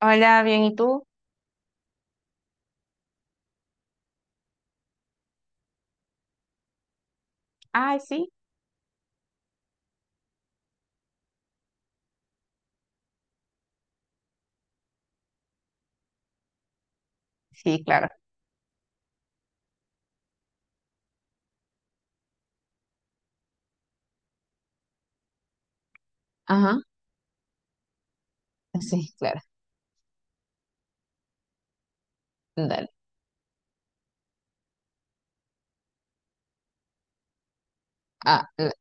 Hola, bien, ¿y tú? Ay, sí, sí, claro. Ajá, sí, claro. Dale. Ah, la-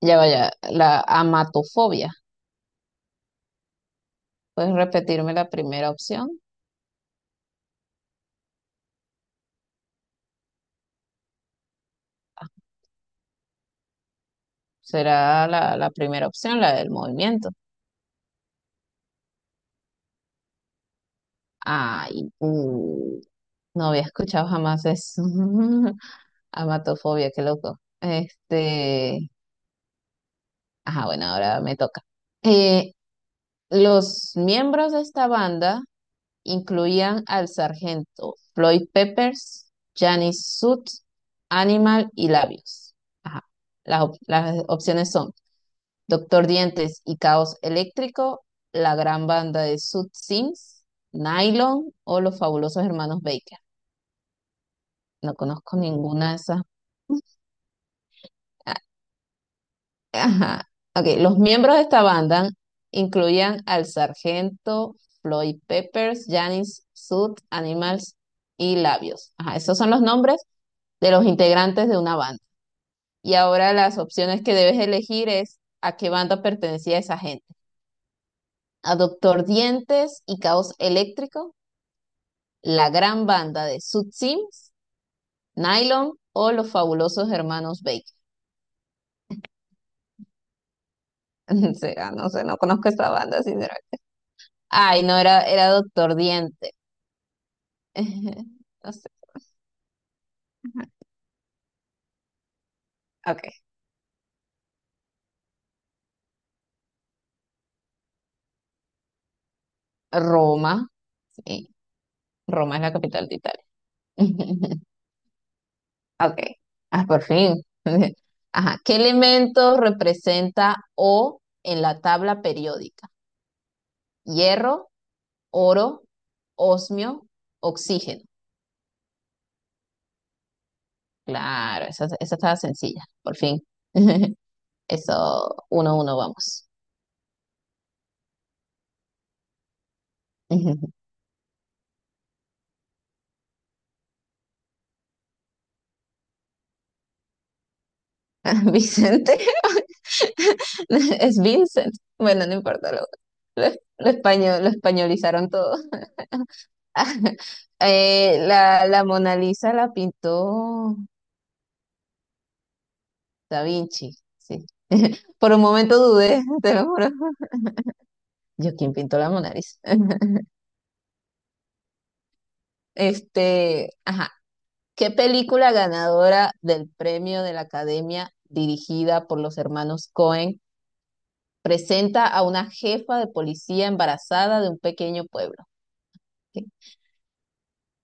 ya vaya, la amatofobia. ¿Puedes repetirme la primera opción? Ah, será la primera opción, la del movimiento. Ay, no había escuchado jamás eso. Amatofobia, qué loco. Este, ajá, bueno, ahora me toca. Eh, los miembros de esta banda incluían al sargento Floyd Peppers, Janis Soot, Animal y Labios. Ajá. Las opciones son Doctor Dientes y Caos Eléctrico, la gran banda de Soot Sims, Nylon o los fabulosos hermanos Baker. No conozco ninguna de esas. Ah, ajá. Ok, los miembros de esta banda incluían al sargento Floyd Peppers, Janis Soot, Animals y Labios. Ajá, esos son los nombres de los integrantes de una banda. Y ahora las opciones que debes elegir es a qué banda pertenecía esa gente. A Doctor Dientes y Caos Eléctrico, la gran banda de Sud Sims, Nylon o los fabulosos hermanos Baker. Será, no sé, no conozco esta banda, sinceramente. Ay, no, era Doctor Diente. No sé, ok. Roma, sí. Roma es la capital de Italia. Ok. Ah, por fin. Ajá. ¿Qué elemento representa O en la tabla periódica? Hierro, oro, osmio, oxígeno. Claro, esa estaba sencilla, por fin. Eso, 1-1, vamos. Vicente, es Vincent. Bueno, no importa, lo, lo español, lo españolizaron todo. La Mona Lisa la pintó Da Vinci. Sí, por un momento dudé, te lo juro. Yo, ¿quién pintó la Mona Lisa? Este, ajá. ¿Qué película ganadora del premio de la Academia dirigida por los hermanos Cohen presenta a una jefa de policía embarazada de un pequeño pueblo? ¿Ok?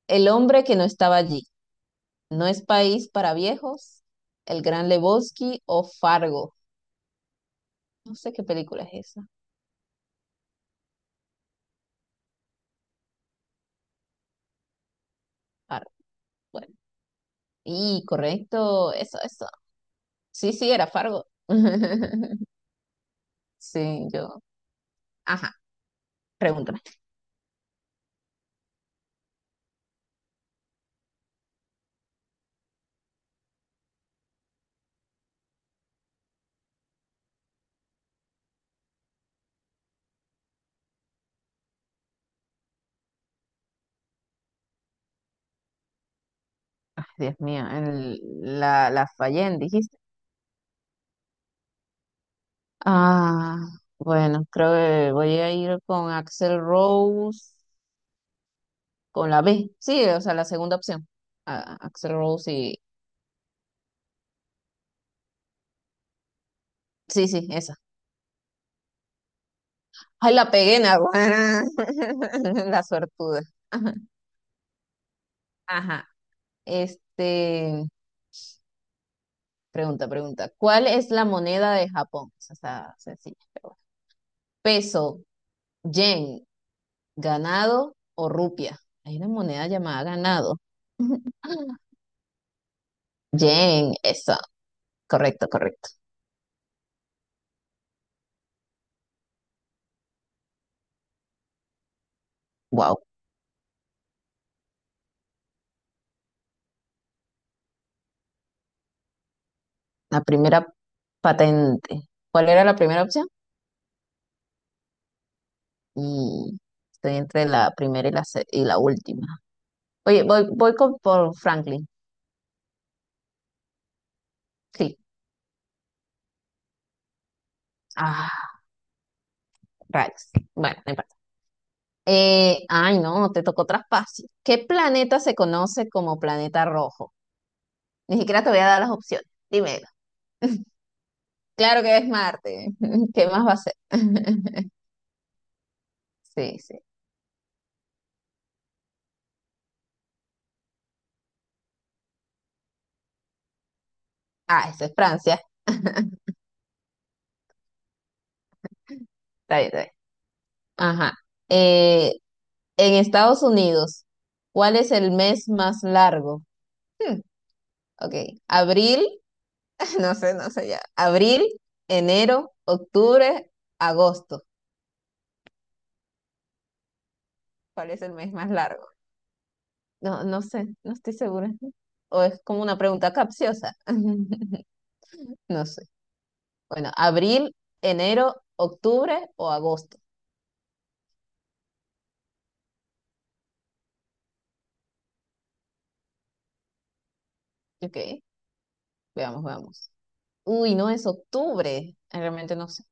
El hombre que no estaba allí. No es país para viejos. El Gran Lebowski o Fargo. No sé qué película es esa. Fargo. Bueno. Y correcto, eso, eso. Sí, sí, era Fargo. Sí, yo. Ajá, pregúntame. Ay, Dios mío, la fallé en, dijiste. Ah, bueno, creo que voy a ir con Axel Rose, con la B. Sí, o sea, la segunda opción. Ah, Axel Rose y... Sí, sí, esa. Ay, la pegué, naguará. La suertuda. Ajá. Ajá. Este, pregunta, pregunta. ¿Cuál es la moneda de Japón? Esa está sencilla, pero bueno. Peso, yen, ganado o rupia. Hay una moneda llamada ganado. Yen, eso. Correcto, correcto. Wow. La primera patente. ¿Cuál era la primera opción? Y estoy entre la primera y la última. Oye, voy por Franklin. Sí. Ah, rayos. Bueno, no importa. Ay, no, te tocó traspaso. ¿Qué planeta se conoce como planeta rojo? Ni siquiera te voy a dar las opciones. Dímelo. Claro que es Marte. ¿Qué más va a ser? Sí, sí. Ah, eso es Francia. Está bien, está bien. Ajá. Eh, en Estados Unidos, ¿cuál es el mes más largo? Hmm, ok. Abril, no sé, no sé ya. Abril, enero, octubre, agosto. ¿Cuál es el mes más largo? No, no sé, no estoy segura. O es como una pregunta capciosa. No sé. Bueno, abril, enero, octubre o agosto. Ok, veamos, veamos. Uy, no es octubre. Realmente no sé.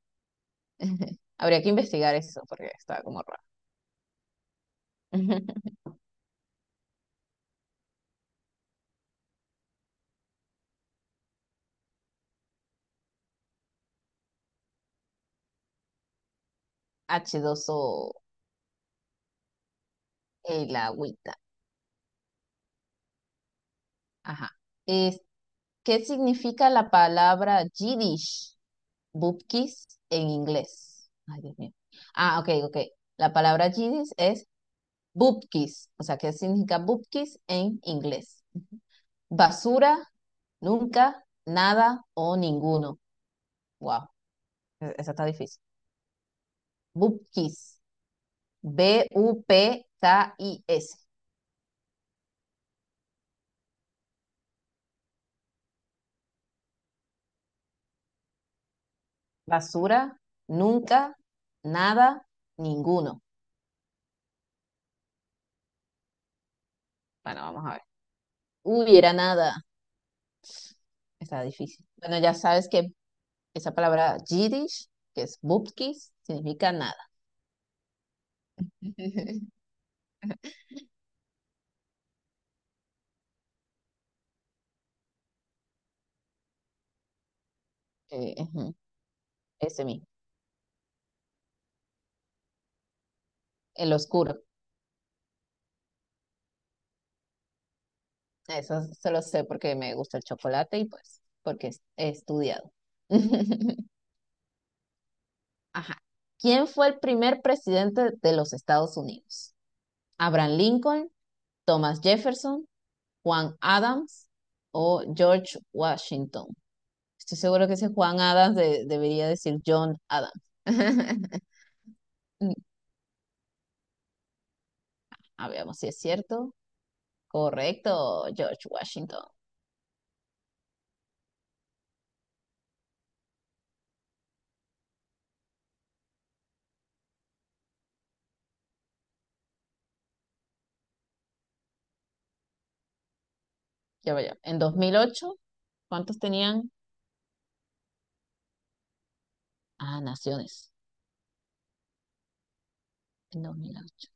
Habría que investigar eso porque está como raro. H2O, el agüita. Ajá. Es- ¿Qué significa la palabra Yiddish? Bubkis en inglés. Ay, Dios mío. Ah, ok, ok. La palabra Yiddish es bubkis. O sea, ¿qué significa bubkis en inglés? Basura, nunca, nada o ninguno. Wow, esa está difícil. Bubkis. B-U-P-K-I-S. Basura, nunca, nada, ninguno. Bueno, vamos a ver. Hubiera nada. Está difícil. Bueno, ya sabes que esa palabra Yiddish, que es bubkis, significa nada. Ujú, ese mismo. El oscuro. Eso se lo sé porque me gusta el chocolate y pues porque he estudiado. Ajá. ¿Quién fue el primer presidente de los Estados Unidos? ¿Abraham Lincoln, Thomas Jefferson, Juan Adams o George Washington? Estoy seguro que ese Juan Adams debería decir John Adams. A ver, vamos si es cierto. Correcto, George Washington. Ya vaya. En 2008, ¿cuántos tenían? Ah, naciones. En 2008.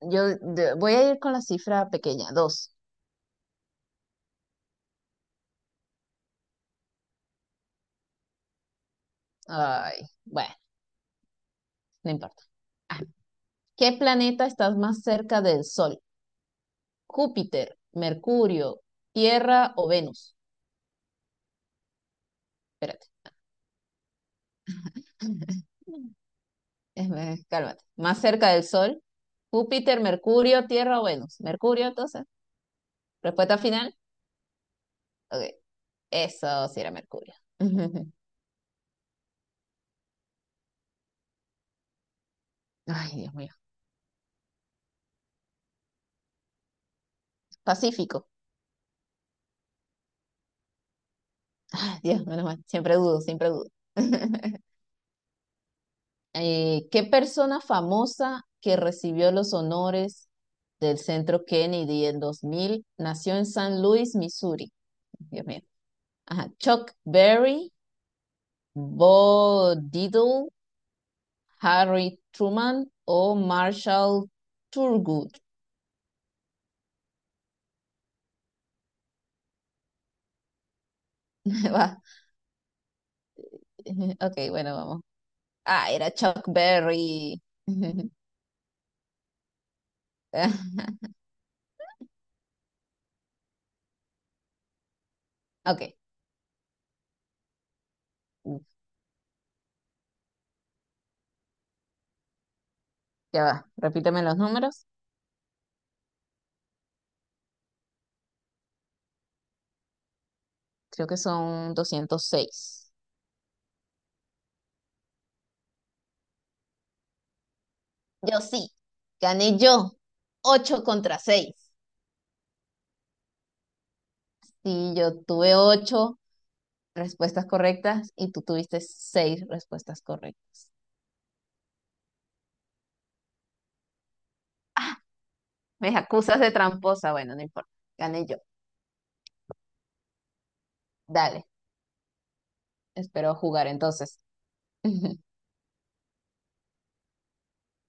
Yo voy a ir con la cifra pequeña, dos. Ay, bueno, no importa. Ah, ¿qué planeta está más cerca del Sol? ¿Júpiter, Mercurio, Tierra o Venus? Espérate. Cálmate. Más cerca del Sol. Júpiter, Mercurio, Tierra o Venus. Mercurio, entonces. Respuesta final. Ok. Eso sí era Mercurio. Ay, Dios mío. Pacífico. Ay, Dios, menos mal. Siempre dudo, siempre dudo. ¿Qué persona famosa que recibió los honores del Centro Kennedy en 2000 nació en San Luis, Missouri? Dios mío. Ajá. Chuck Berry, Bo Diddley, Harry Truman o Marshall Thurgood. Va. Ok, bueno, vamos. Ah, era Chuck Berry. Ok, ya va. Repíteme los números. Creo que son 206. Yo sí, gané yo. 8-6, sí, yo tuve ocho respuestas correctas y tú tuviste 6 respuestas correctas. Ah, me acusas de tramposa. Bueno, no importa. Gané yo. Dale, espero jugar entonces.